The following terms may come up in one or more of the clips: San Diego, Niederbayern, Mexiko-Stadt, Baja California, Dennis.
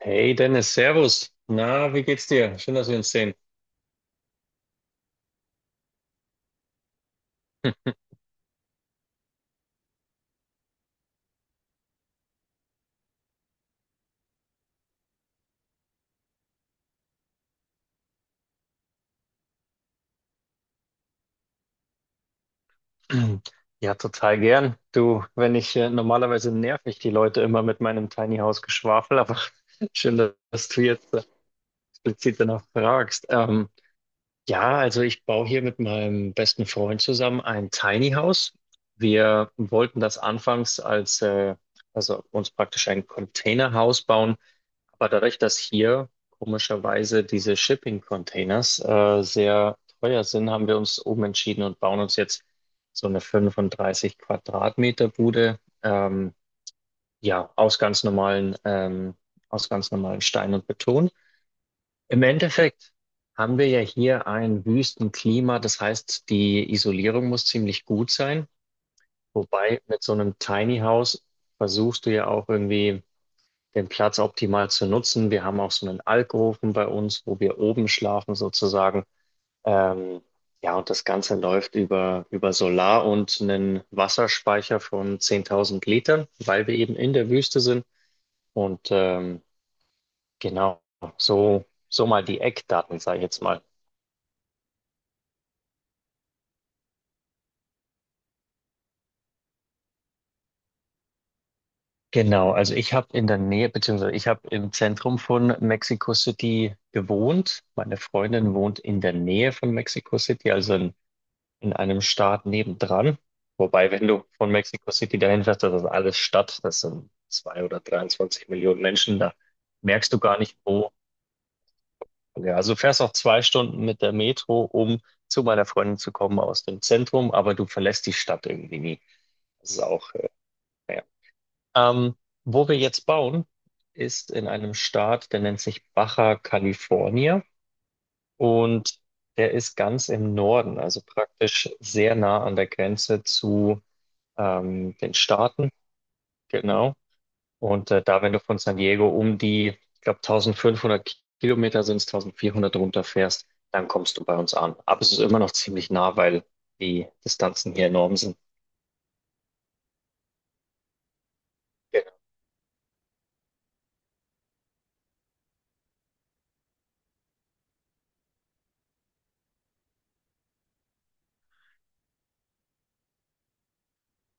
Hey Dennis, Servus. Na, wie geht's dir? Schön, dass wir uns sehen. Ja, total gern. Du, wenn ich normalerweise nerv ich die Leute immer mit meinem Tiny House Geschwafel, aber schön, dass du jetzt explizit danach fragst. Ja, also ich baue hier mit meinem besten Freund zusammen ein Tiny House. Wir wollten das anfangs also uns praktisch ein Containerhaus bauen. Aber dadurch, dass hier komischerweise diese Shipping-Containers sehr teuer sind, haben wir uns umentschieden und bauen uns jetzt so eine 35 Quadratmeter Bude, ja, aus ganz normalen, ähm, aus ganz normalen Stein und Beton. Im Endeffekt haben wir ja hier ein Wüstenklima, das heißt, die Isolierung muss ziemlich gut sein. Wobei mit so einem Tiny House versuchst du ja auch irgendwie den Platz optimal zu nutzen. Wir haben auch so einen Alkoven bei uns, wo wir oben schlafen sozusagen. Ähm, ja, und das Ganze läuft über Solar und einen Wasserspeicher von 10.000 Litern, weil wir eben in der Wüste sind. Und ähm, genau, so mal die Eckdaten, sage ich jetzt mal. Genau, also ich habe in der Nähe, beziehungsweise ich habe im Zentrum von Mexico City gewohnt. Meine Freundin wohnt in der Nähe von Mexico City, also in einem Staat nebendran. Wobei, wenn du von Mexico City dahin fährst, das ist alles Stadt, das sind zwei oder 23 Millionen Menschen, da merkst du gar nicht, wo. Ja, also du fährst auch zwei Stunden mit der Metro, um zu meiner Freundin zu kommen aus dem Zentrum, aber du verlässt die Stadt irgendwie nie. Das ist auch, naja. Ähm, wo wir jetzt bauen, ist in einem Staat, der nennt sich Baja California und der ist ganz im Norden, also praktisch sehr nah an der Grenze zu den Staaten, genau. Und wenn du von San Diego um die, ich glaube, 1500 Kilometer sind es, 1400 runterfährst, dann kommst du bei uns an. Aber es ist immer noch ziemlich nah, weil die Distanzen hier enorm sind. Genau.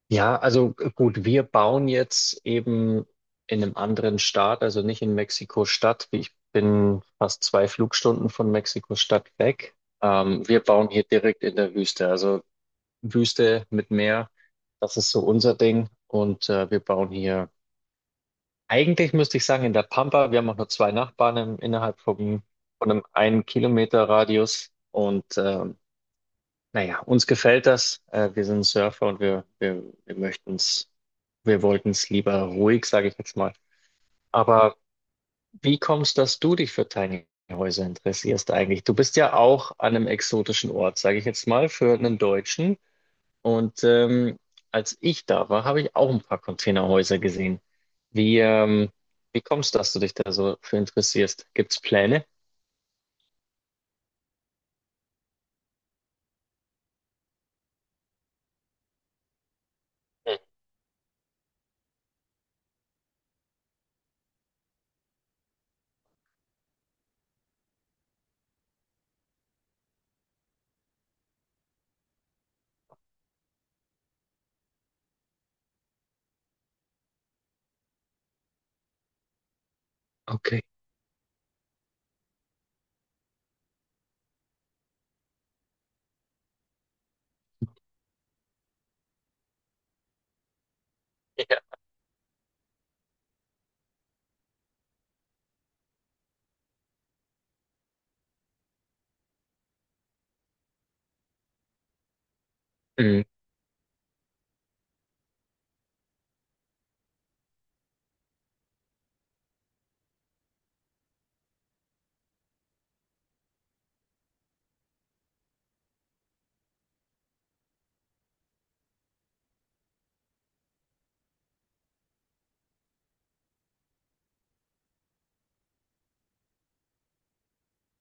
Ja, also gut, wir bauen jetzt eben in einem anderen Staat, also nicht in Mexiko-Stadt. Ich bin fast zwei Flugstunden von Mexiko-Stadt weg. Wir bauen hier direkt in der Wüste. Also Wüste mit Meer. Das ist so unser Ding. Und wir bauen hier, eigentlich müsste ich sagen, in der Pampa. Wir haben auch nur zwei Nachbarn innerhalb von einem einen Kilometer Radius. Naja, uns gefällt das. Wir sind Surfer und wir wir wollten es lieber ruhig, sage ich jetzt mal. Aber wie kommst, dass du dich für Tiny Häuser interessierst eigentlich? Du bist ja auch an einem exotischen Ort, sage ich jetzt mal, für einen Deutschen. Und ähm, als ich da war, habe ich auch ein paar Containerhäuser gesehen. Wie, ähm, wie kommst du, dass du dich da so für interessierst? Gibt's Pläne? Hm, Okay. Ja. Mhm.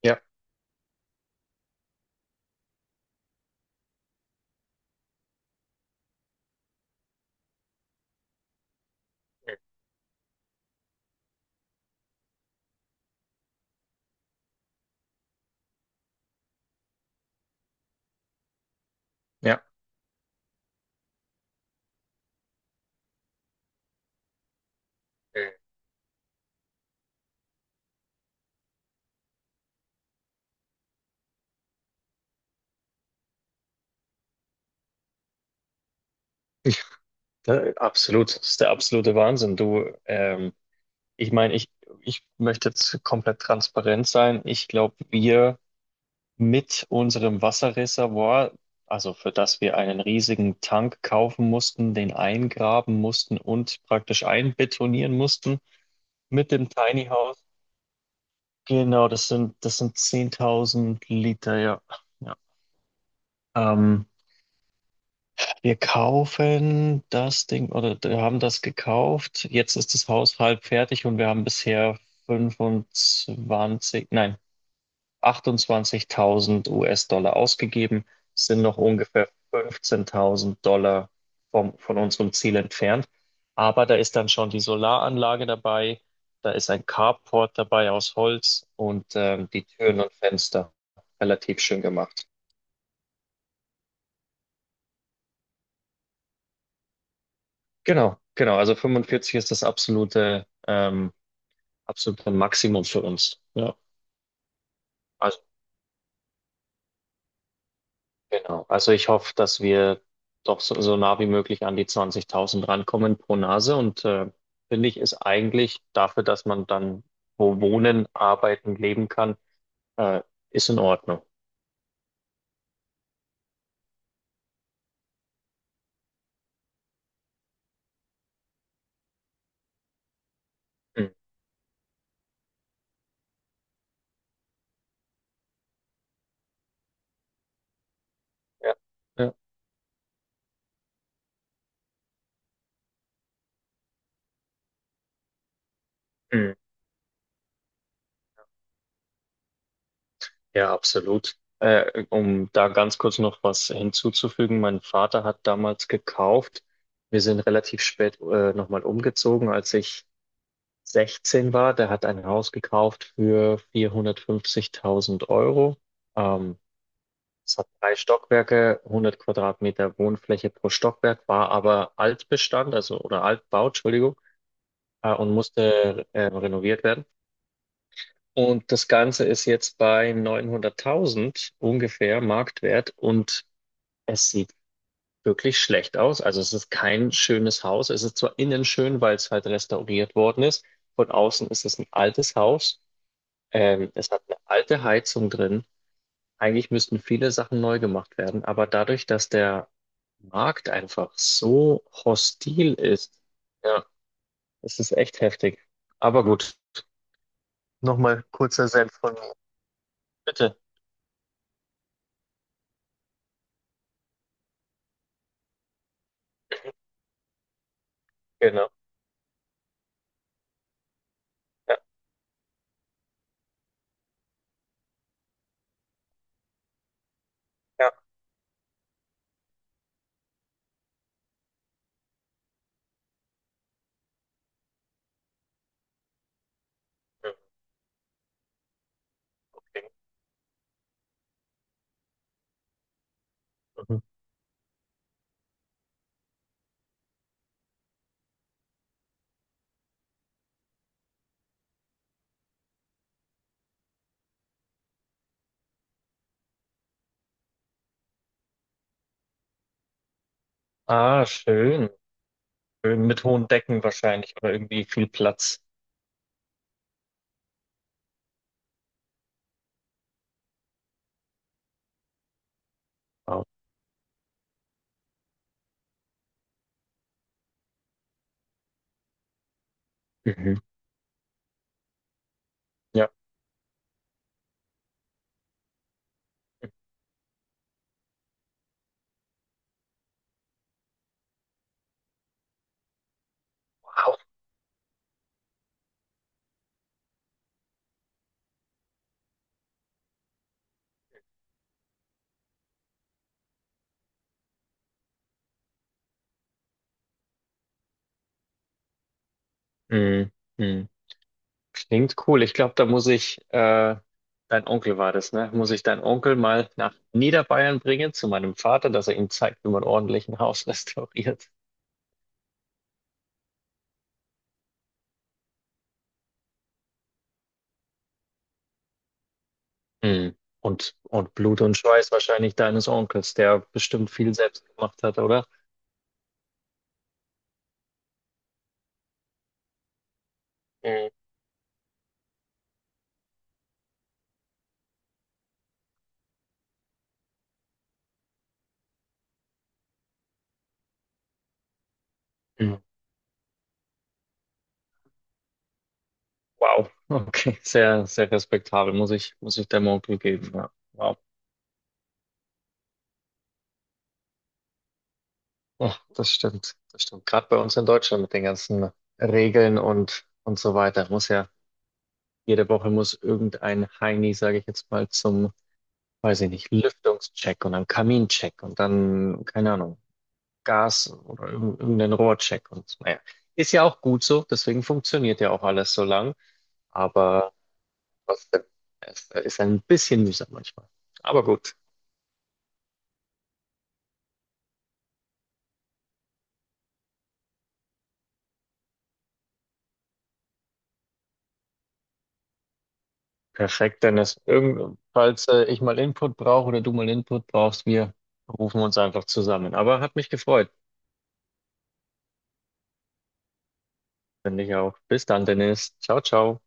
Ja. Mhm. Ja. Mhm. Da, absolut, das ist der absolute Wahnsinn. Du, ich meine, ich möchte jetzt komplett transparent sein. Ich glaube, wir mit unserem Wasserreservoir, also für das wir einen riesigen Tank kaufen mussten, den eingraben mussten und praktisch einbetonieren mussten mit dem Tiny House. Genau, das sind 10.000 Liter, ja. Ja. Ähm, wir kaufen das Ding oder wir haben das gekauft. Jetzt ist das Haus halb fertig und wir haben bisher 25. Nein, 28.000 US-Dollar ausgegeben, sind noch ungefähr $15.000 von unserem Ziel entfernt. Aber da ist dann schon die Solaranlage dabei, da ist ein Carport dabei aus Holz und die Türen und Fenster relativ schön gemacht. Genau, genau. Also 45 ist das absolute Maximum für uns. Ja. Also Genau. Also ich hoffe, dass wir doch so nah wie möglich an die 20.000 rankommen pro Nase. Und finde ich, ist eigentlich dafür, dass man dann wo wohnen, arbeiten, leben kann, äh, ist in Ordnung. Mhm. Ja, ja, Mhm. ja, absolut. Um da ganz kurz noch was hinzuzufügen, mein Vater hat damals gekauft. Wir sind relativ spät nochmal umgezogen, als ich 16 war, der hat ein Haus gekauft für 450.000 Euro. Ähm, es hat drei Stockwerke, 100 Quadratmeter Wohnfläche pro Stockwerk, war aber Altbestand, also oder Altbau, Entschuldigung, und musste renoviert werden. Und das Ganze ist jetzt bei 900.000 ungefähr Marktwert und es sieht wirklich schlecht aus. Also es ist kein schönes Haus. Es ist zwar innen schön, weil es halt restauriert worden ist. Von außen ist es ein altes Haus. Es hat eine alte Heizung drin. Eigentlich müssten viele Sachen neu gemacht werden, aber dadurch, dass der Markt einfach so hostil ist, ja, es ist echt heftig. Aber gut. Nochmal kurzer Senf von mir. Bitte. Genau. Ja, ja. Okay. Mhm. Ah, schön. Schön mit hohen Decken wahrscheinlich oder irgendwie viel Platz. Wow. Mhm. Ja. Wow. Mhm. Mhm. Klingt cool. Ich glaube, dein Onkel war das, ne? Muss ich deinen Onkel mal nach Niederbayern bringen zu meinem Vater, dass er ihm zeigt, wie man ordentlich ein Haus restauriert. Hm. Und Blut und Schweiß wahrscheinlich deines Onkels, der bestimmt viel selbst gemacht hat, oder? Mhm. Mhm. Wow. Okay. Sehr, sehr respektabel. Muss ich deinem Onkel geben. Ja. Wow. Ja, das stimmt. Das stimmt. Gerade bei uns in Deutschland mit den ganzen Regeln und so weiter. Muss ja jede Woche muss irgendein Heini, sage ich jetzt mal, zum, weiß ich nicht, Lüftungscheck und dann Kamincheck und dann, keine Ahnung, Gas oder irgendein Rohrcheck und naja. Ist ja auch gut so, deswegen funktioniert ja auch alles so lang, aber trotzdem, es ist ein bisschen mühsam manchmal. Aber gut, perfekt, Dennis. Irgend, falls ich mal Input brauche oder du mal Input brauchst, wir rufen uns einfach zusammen. Aber hat mich gefreut, finde ich auch. Bis dann, Dennis. Ciao, ciao.